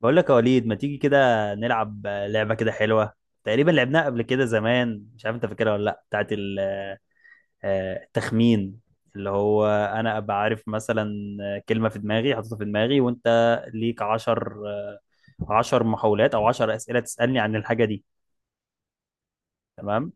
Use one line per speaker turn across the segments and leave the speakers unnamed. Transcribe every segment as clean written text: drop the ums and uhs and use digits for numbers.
بقول لك يا وليد، ما تيجي كده نلعب لعبة كده حلوة؟ تقريبا لعبناها قبل كده زمان. مش عارف انت فاكرها ولا لا، بتاعت التخمين، اللي هو انا ابقى عارف مثلا كلمة في دماغي حاططها في دماغي، وانت ليك عشر محاولات او عشر اسئلة تسألني عن الحاجة دي. تمام؟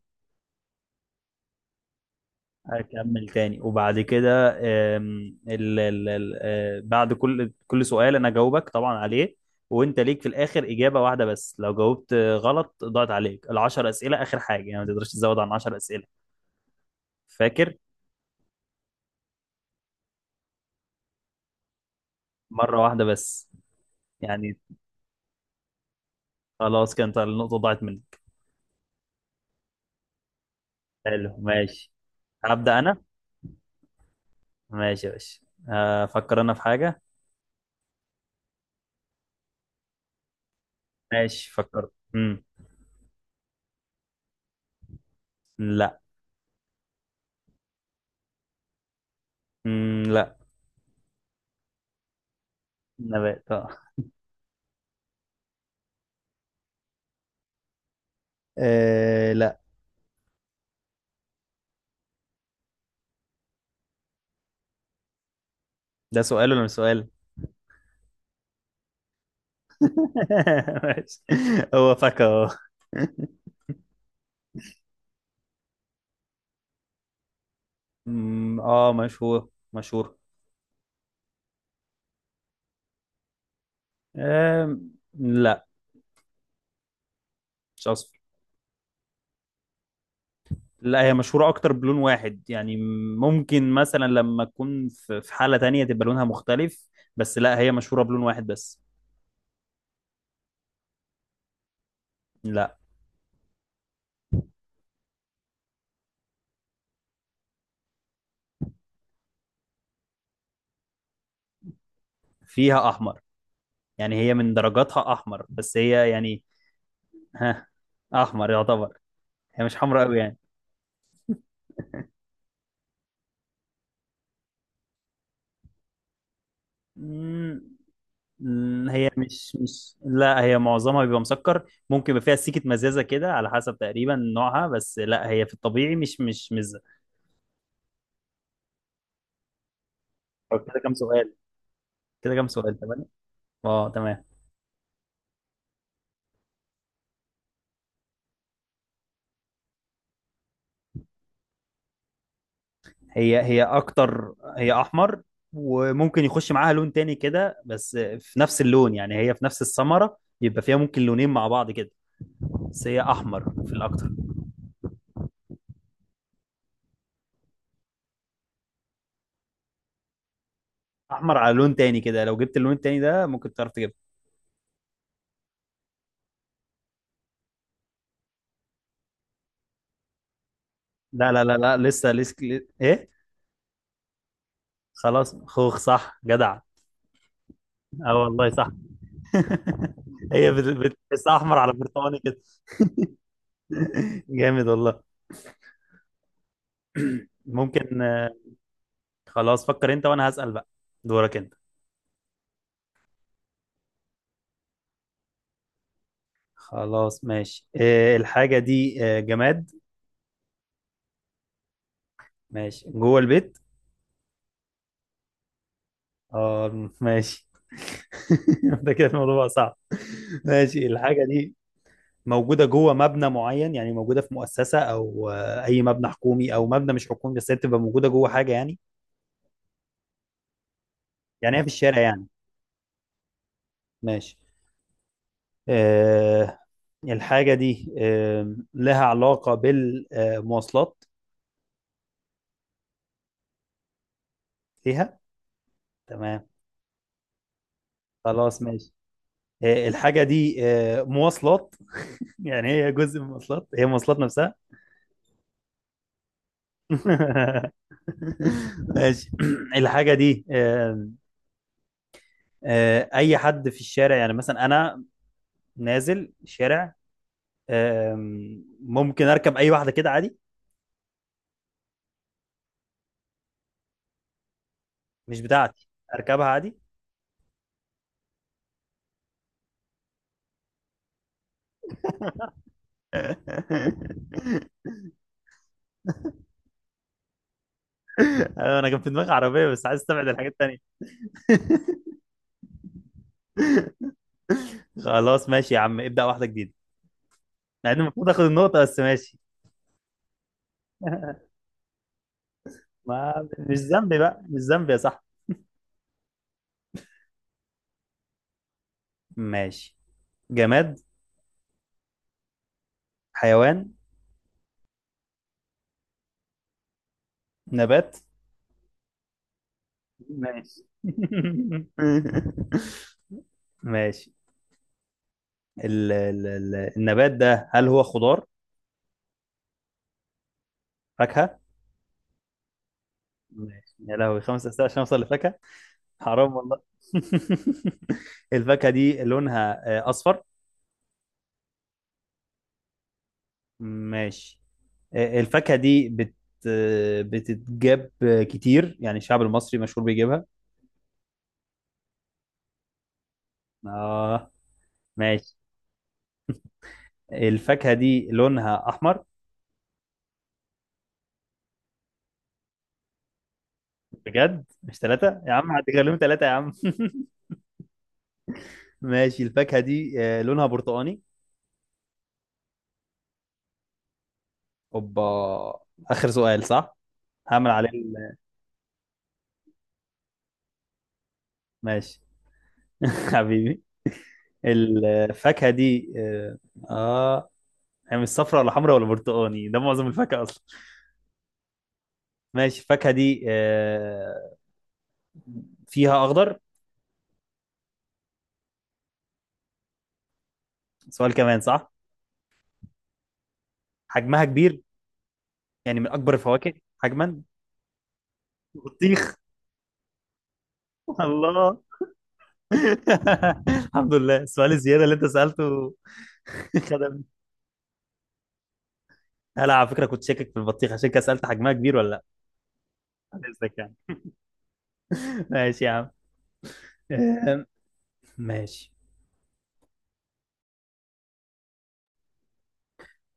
هكمل تاني، وبعد كده آم، ال ال ال آه، بعد كل سؤال انا جاوبك طبعا عليه، وانت ليك في الاخر اجابه واحده بس. لو جاوبت غلط ضاعت عليك العشر اسئله. اخر حاجه يعني ما تقدرش تزود عن 10 اسئله. فاكر؟ مره واحده بس، يعني خلاص كانت النقطه ضاعت منك. حلو، ماشي. هبدا انا. ماشي يا باشا، افكر انا في حاجه. ماشي، فكرت. لا. لا. نبات، آه. آه، لا، ده سؤال ولا مش سؤال؟ ماشي، هو فاكهة. اه، مشهور مشهور. لا، مش اصفر. لا، هي مشهورة اكتر بلون واحد يعني. ممكن مثلا لما تكون في حالة تانية تبقى لونها مختلف، بس لا هي مشهورة بلون واحد بس. لا، فيها احمر. يعني هي من درجاتها احمر، بس هي يعني، ها، احمر يعتبر. هي مش حمراء قوي يعني. أمم، مم، هي مش مش لا، هي معظمها بيبقى مسكر. ممكن يبقى فيها سيكة مزازة كده على حسب تقريبا نوعها، بس لا هي في الطبيعي مش مزة. أو، كده كام سؤال، تمام. اه تمام. هي اكتر، هي احمر. وممكن يخش معاها لون تاني كده، بس في نفس اللون يعني. هي في نفس الثمرة يبقى فيها ممكن لونين مع بعض كده، بس هي احمر في الاكتر. احمر على لون تاني كده. لو جبت اللون التاني ده ممكن تعرف تجيبها. لا، لا، لا، لا، لسه لسه. ايه؟ خلاص، خوخ صح، جدع! اه والله صح. هي بتحسها احمر على برتقاني كده. جامد والله. ممكن. خلاص، فكر انت وانا هسأل بقى. دورك انت. خلاص ماشي. الحاجة دي جماد؟ ماشي. جوه البيت؟ اه ماشي. ده كده الموضوع بقى صعب. ماشي، الحاجة دي موجودة جوه مبنى معين؟ يعني موجودة في مؤسسة او اي مبنى حكومي او مبنى مش حكومي، بس هي بتبقى موجودة جوه حاجة يعني. يعني هي في الشارع يعني؟ ماشي. آه، الحاجة دي لها علاقة بالمواصلات؟ ليها. تمام. خلاص ماشي. الحاجة دي مواصلات؟ يعني هي جزء من المواصلات، هي مواصلات نفسها. ماشي. الحاجة دي آم، آه، أي حد في الشارع يعني، مثلا أنا نازل الشارع ممكن أركب أي واحدة كده عادي. مش بتاعتي، أركبها عادي. أيوة، أنا كان في دماغي عربية، بس عايز أستبعد الحاجات التانية. خلاص ماشي يا عم، ابدأ واحدة جديدة. مع ان المفروض اخد النقطة، بس ماشي. ما مش ذنبي بقى، مش ذنبي يا صاحبي. ماشي. جماد؟ حيوان؟ نبات؟ ماشي. ماشي. ال ال ال النبات ده هل هو خضار؟ فاكهة؟ ماشي، يا لهوي! خمس أسئلة عشان أوصل لفاكهة! حرام والله. الفاكهة دي لونها أصفر؟ ماشي. الفاكهة دي بتتجاب كتير؟ يعني الشعب المصري مشهور بيجيبها. اه ماشي. الفاكهة دي لونها أحمر؟ بجد؟ مش ثلاثة يا عم، هتغلوهم ثلاثة يا عم! ماشي، الفاكهة دي لونها برتقاني؟ اوبا! آخر سؤال صح؟ هعمل عليه ماشي. حبيبي. الفاكهة دي آه، هي مش صفرا ولا حمرا ولا برتقاني، ده معظم الفاكهة أصلا. ماشي، الفاكهة دي فيها أخضر؟ سؤال كمان، صح. حجمها كبير؟ يعني من اكبر الفواكه حجما؟ بطيخ! الله! الحمد لله، السؤال الزياده اللي انت سالته خدمني. هلا على فكره كنت شاكك في البطيخ، عشان كده سالت حجمها كبير ولا لا. عن اذنك يعني. ماشي يا عم. آم، ماشي.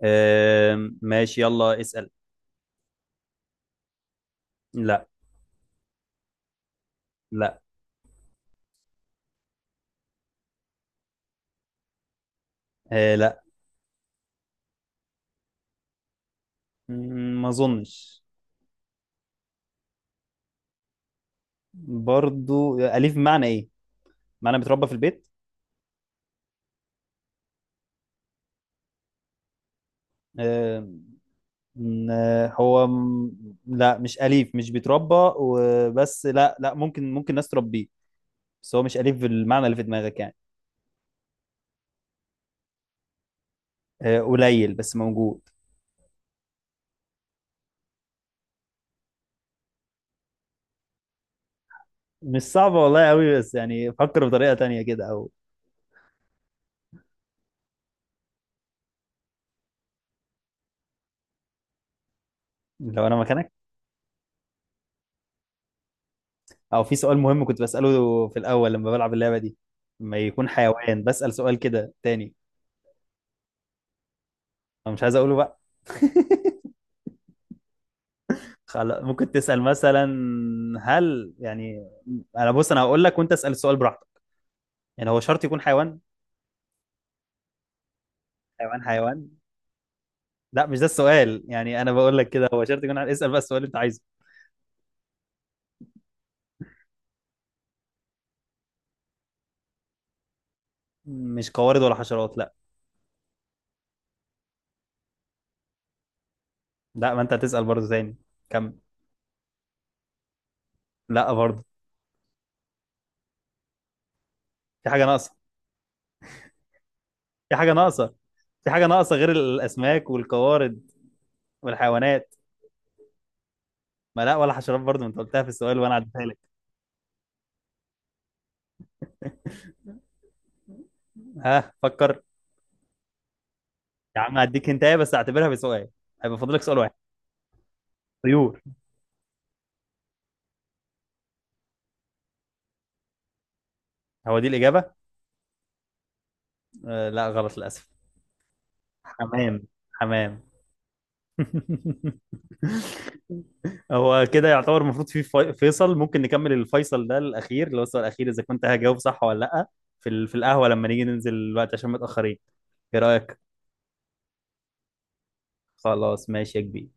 ماشي، يلا اسال. لا. لا. لا. ما اظنش. برضو اليف بمعنى ايه؟ معنى بتربى في البيت. آه، م- لا، مش أليف، مش بيتربى وبس. لا، لا، ممكن، ناس تربيه. بس هو مش أليف بالمعنى اللي في دماغك يعني. قليل بس موجود. مش صعبة والله قوي، بس يعني فكر بطريقة تانية كده، أو. لو أنا مكانك، أو في سؤال مهم كنت بسأله في الأول لما بلعب اللعبة دي، لما يكون حيوان بسأل سؤال كده تاني. أنا مش عايز أقوله بقى. خلاص، ممكن تسأل مثلا هل يعني. أنا، بص، أنا هقول لك وأنت اسأل السؤال براحتك. يعني هو شرط يكون حيوان؟ حيوان حيوان، لا مش ده السؤال. يعني انا بقول لك كده، هو شرط يكون؟ عارف اسال بقى السؤال اللي انت عايزه. مش قوارض ولا حشرات، لا. لا، ما انت هتسال برضه تاني. كمل. لا برضه. في حاجه ناقصه. في حاجه ناقصه. في حاجه ناقصه غير الاسماك والقوارض والحيوانات. ما لا، ولا حشرات برضه، ما انت قلتها في السؤال وانا عديتها لك. ها، فكر. يا عم هديك انت بس، اعتبرها بسؤال. هيبقى فاضلك سؤال واحد. طيور. هو دي الاجابه؟ آه لا، غلط للاسف. حمام، حمام. هو كده يعتبر المفروض في- فيصل. ممكن نكمل الفيصل ده الاخير اللي هو السؤال الاخير، اذا كنت هجاوب صح ولا لا، في القهوه، لما نيجي ننزل الوقت عشان متاخرين. ايه رايك؟ خلاص، ماشي يا كبير.